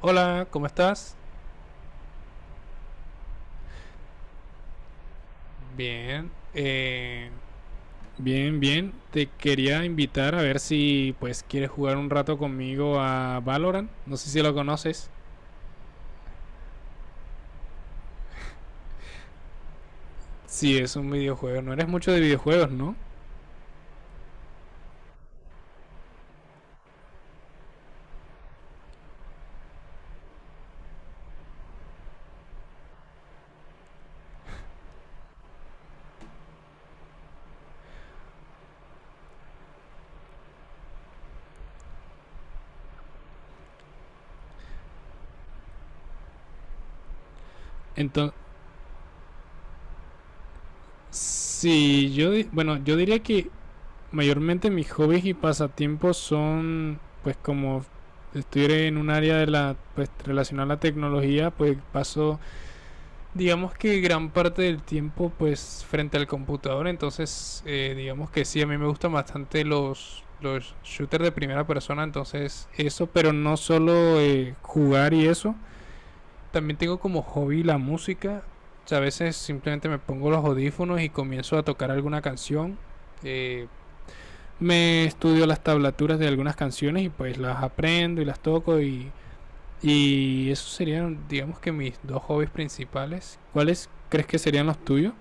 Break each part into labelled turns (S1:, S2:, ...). S1: Hola, ¿cómo estás? Bien, bien, bien. Te quería invitar a ver si pues quieres jugar un rato conmigo a Valorant. No sé si lo conoces. Si es un videojuego, no eres mucho de videojuegos, ¿no? Entonces, si yo, di- bueno, yo diría que mayormente mis hobbies y pasatiempos son pues como estoy en un área de la pues relacionada a la tecnología, pues paso digamos que gran parte del tiempo pues frente al computador, entonces digamos que sí, a mí me gustan bastante los shooters de primera persona, entonces eso, pero no solo jugar y eso, también tengo como hobby la música. O sea, a veces simplemente me pongo los audífonos y comienzo a tocar alguna canción, eh, me estudio las tablaturas de algunas canciones y pues las aprendo y las toco, y esos serían, digamos que mis dos hobbies principales. ¿Cuáles crees que serían los tuyos?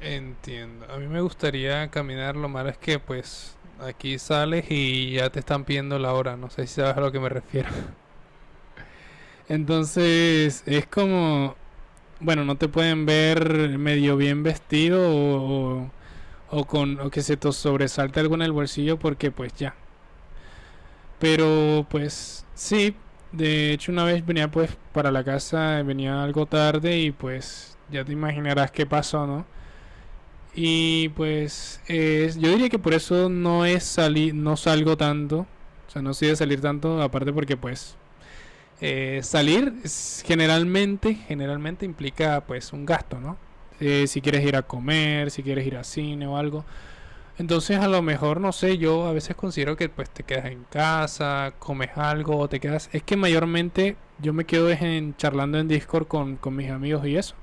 S1: Entiendo. A mí me gustaría caminar, lo malo es que pues aquí sales y ya te están pidiendo la hora, no sé si sabes a lo que me refiero. Entonces es como, bueno, no te pueden ver medio bien vestido o, o con, o que se te sobresalte algo en el bolsillo porque pues ya. Pero pues sí, de hecho una vez venía pues para la casa, venía algo tarde y pues ya te imaginarás qué pasó, ¿no? Y pues yo diría que por eso no es salir, no salgo tanto, o sea, no soy de salir tanto, aparte porque pues salir generalmente implica pues un gasto, ¿no? Si quieres ir a comer, si quieres ir a cine o algo. Entonces a lo mejor, no sé, yo a veces considero que pues te quedas en casa, comes algo, o te quedas... Es que mayormente yo me quedo es en, charlando en Discord con mis amigos y eso.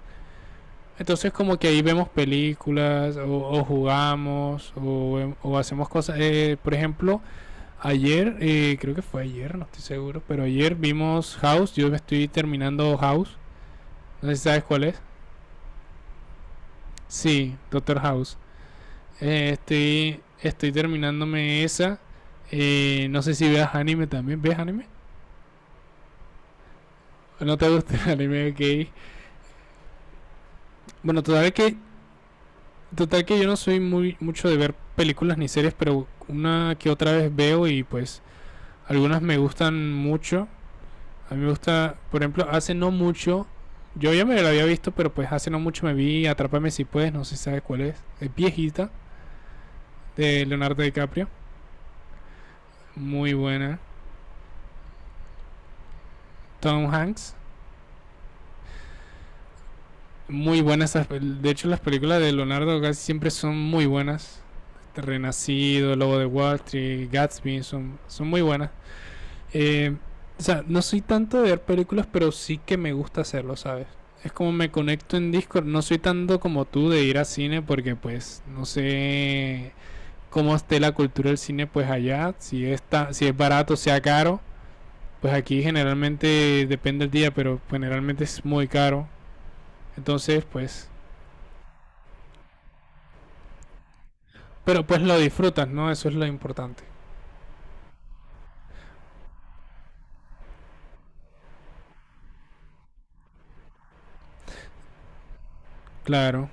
S1: Entonces como que ahí vemos películas o jugamos o hacemos cosas. Por ejemplo, ayer, creo que fue ayer, no estoy seguro, pero ayer vimos House. Yo me estoy terminando House. No sé si sabes cuál es. Sí, Doctor House. Estoy terminándome esa. No sé si veas anime también. ¿Ves anime? ¿No te gusta el anime? Ok. Bueno, total que yo no soy muy mucho de ver películas ni series, pero una que otra vez veo y pues algunas me gustan mucho. A mí me gusta, por ejemplo, hace no mucho, yo ya me la había visto, pero pues hace no mucho me vi Atrápame si puedes, no sé si sabes cuál es. Es viejita, de Leonardo DiCaprio. Muy buena. Tom Hanks. Muy buenas. De hecho, las películas de Leonardo casi siempre son muy buenas. Este, Renacido, Lobo de Wall Street, Gatsby, son muy buenas. Eh, o sea, no soy tanto de ver películas, pero sí que me gusta hacerlo, ¿sabes? Es como me conecto en Discord. No soy tanto como tú de ir a cine porque, pues, no sé cómo esté la cultura del cine, pues allá. Si, está, si es barato, sea caro. Pues aquí generalmente depende del día, pero generalmente es muy caro. Entonces, pues, pero pues lo disfrutas, ¿no? Eso es lo importante. Claro,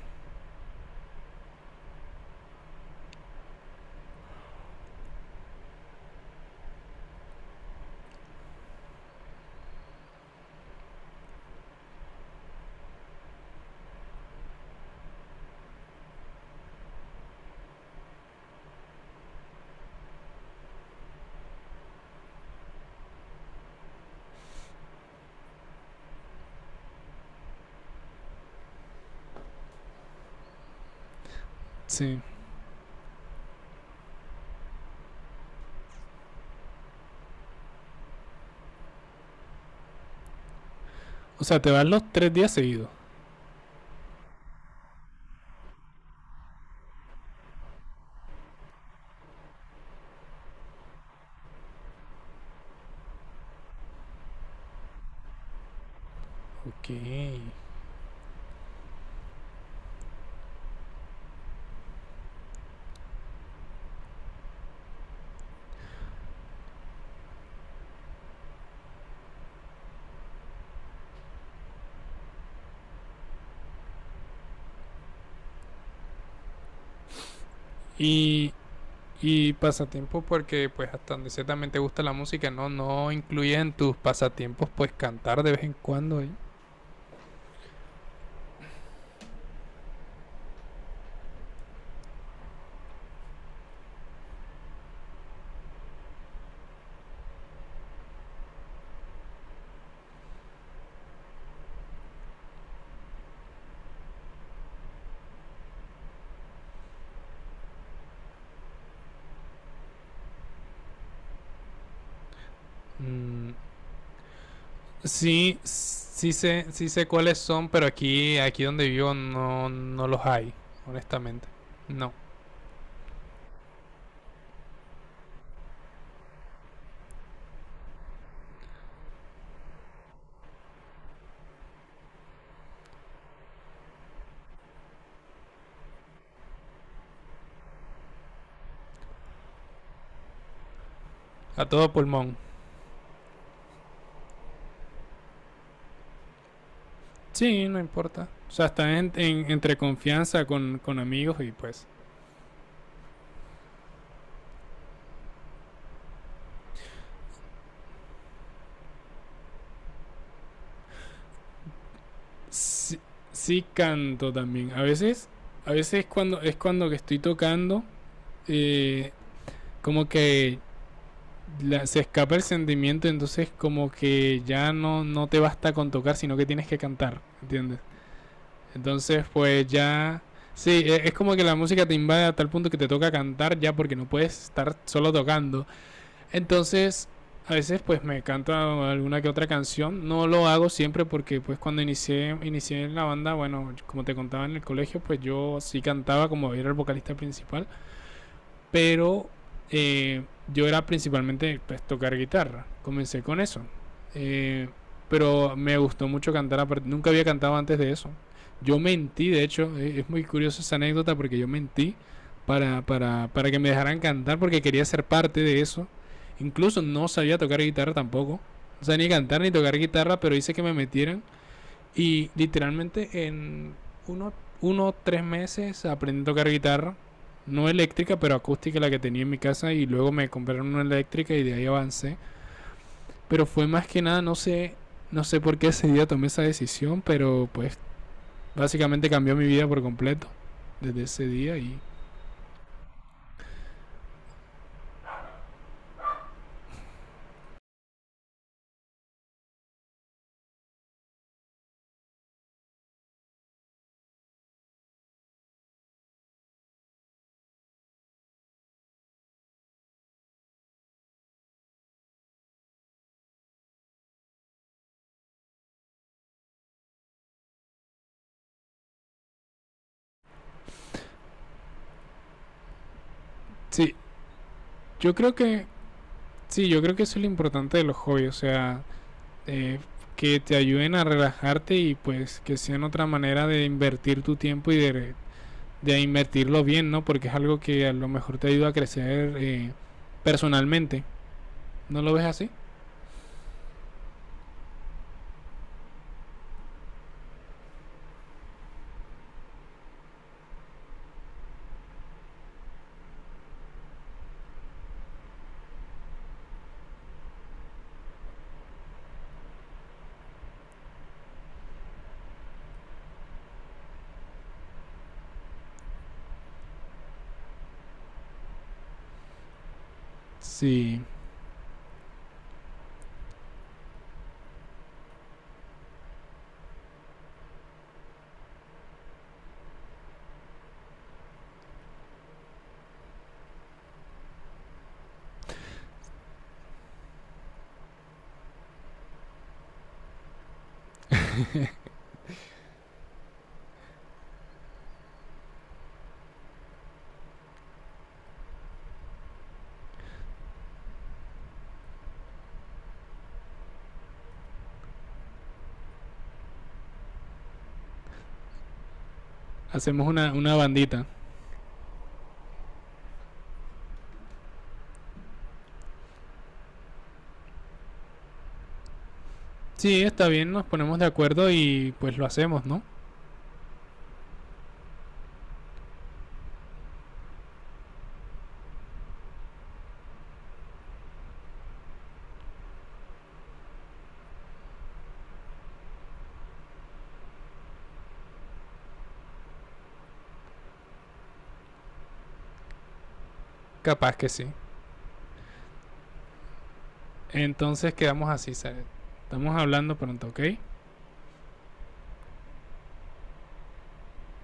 S1: sí. O sea, te vas los tres días seguidos. Ok. Y, y pasatiempo porque pues hasta donde sé te gusta la música, ¿no? No incluyes en tus pasatiempos pues cantar de vez en cuando, ¿eh? Mm, sí, sí sé cuáles son, pero aquí donde vivo no, no los hay, honestamente. No. A todo pulmón. Sí, no importa. O sea, está entre confianza con amigos y pues sí, sí canto también. A veces cuando es cuando que estoy tocando, eh, como que se escapa el sentimiento, entonces como que ya no, no te basta con tocar, sino que tienes que cantar, ¿entiendes? Entonces pues ya... Sí, es como que la música te invade a tal punto que te toca cantar ya porque no puedes estar solo tocando, entonces, a veces pues me canta alguna que otra canción. No lo hago siempre porque pues cuando inicié en la banda, bueno, como te contaba en el colegio, pues yo sí cantaba como era el vocalista principal. Pero eh, yo era principalmente pues tocar guitarra. Comencé con eso. Eh, pero me gustó mucho cantar. Nunca había cantado antes de eso. Yo mentí, de hecho, es muy curiosa esa anécdota porque yo mentí para que me dejaran cantar porque quería ser parte de eso. Incluso no sabía tocar guitarra tampoco. O sea, ni cantar ni tocar guitarra, pero hice que me metieran y literalmente en uno, uno tres meses aprendí a tocar guitarra. No eléctrica, pero acústica la que tenía en mi casa. Y luego me compraron una eléctrica y de ahí avancé. Pero fue más que nada, no sé, no sé por qué ese día tomé esa decisión. Pero pues básicamente cambió mi vida por completo desde ese día. Y sí, yo creo que, sí, yo creo que eso es lo importante de los hobbies. O sea, eh, que te ayuden a relajarte y pues que sean otra manera de invertir tu tiempo y de invertirlo bien, ¿no? Porque es algo que a lo mejor te ayuda a crecer personalmente. ¿No lo ves así? Sí, hacemos una bandita. Sí, está bien, nos ponemos de acuerdo y pues lo hacemos, ¿no? Capaz que sí. Entonces quedamos así, Zaret. Estamos hablando pronto, ¿ok?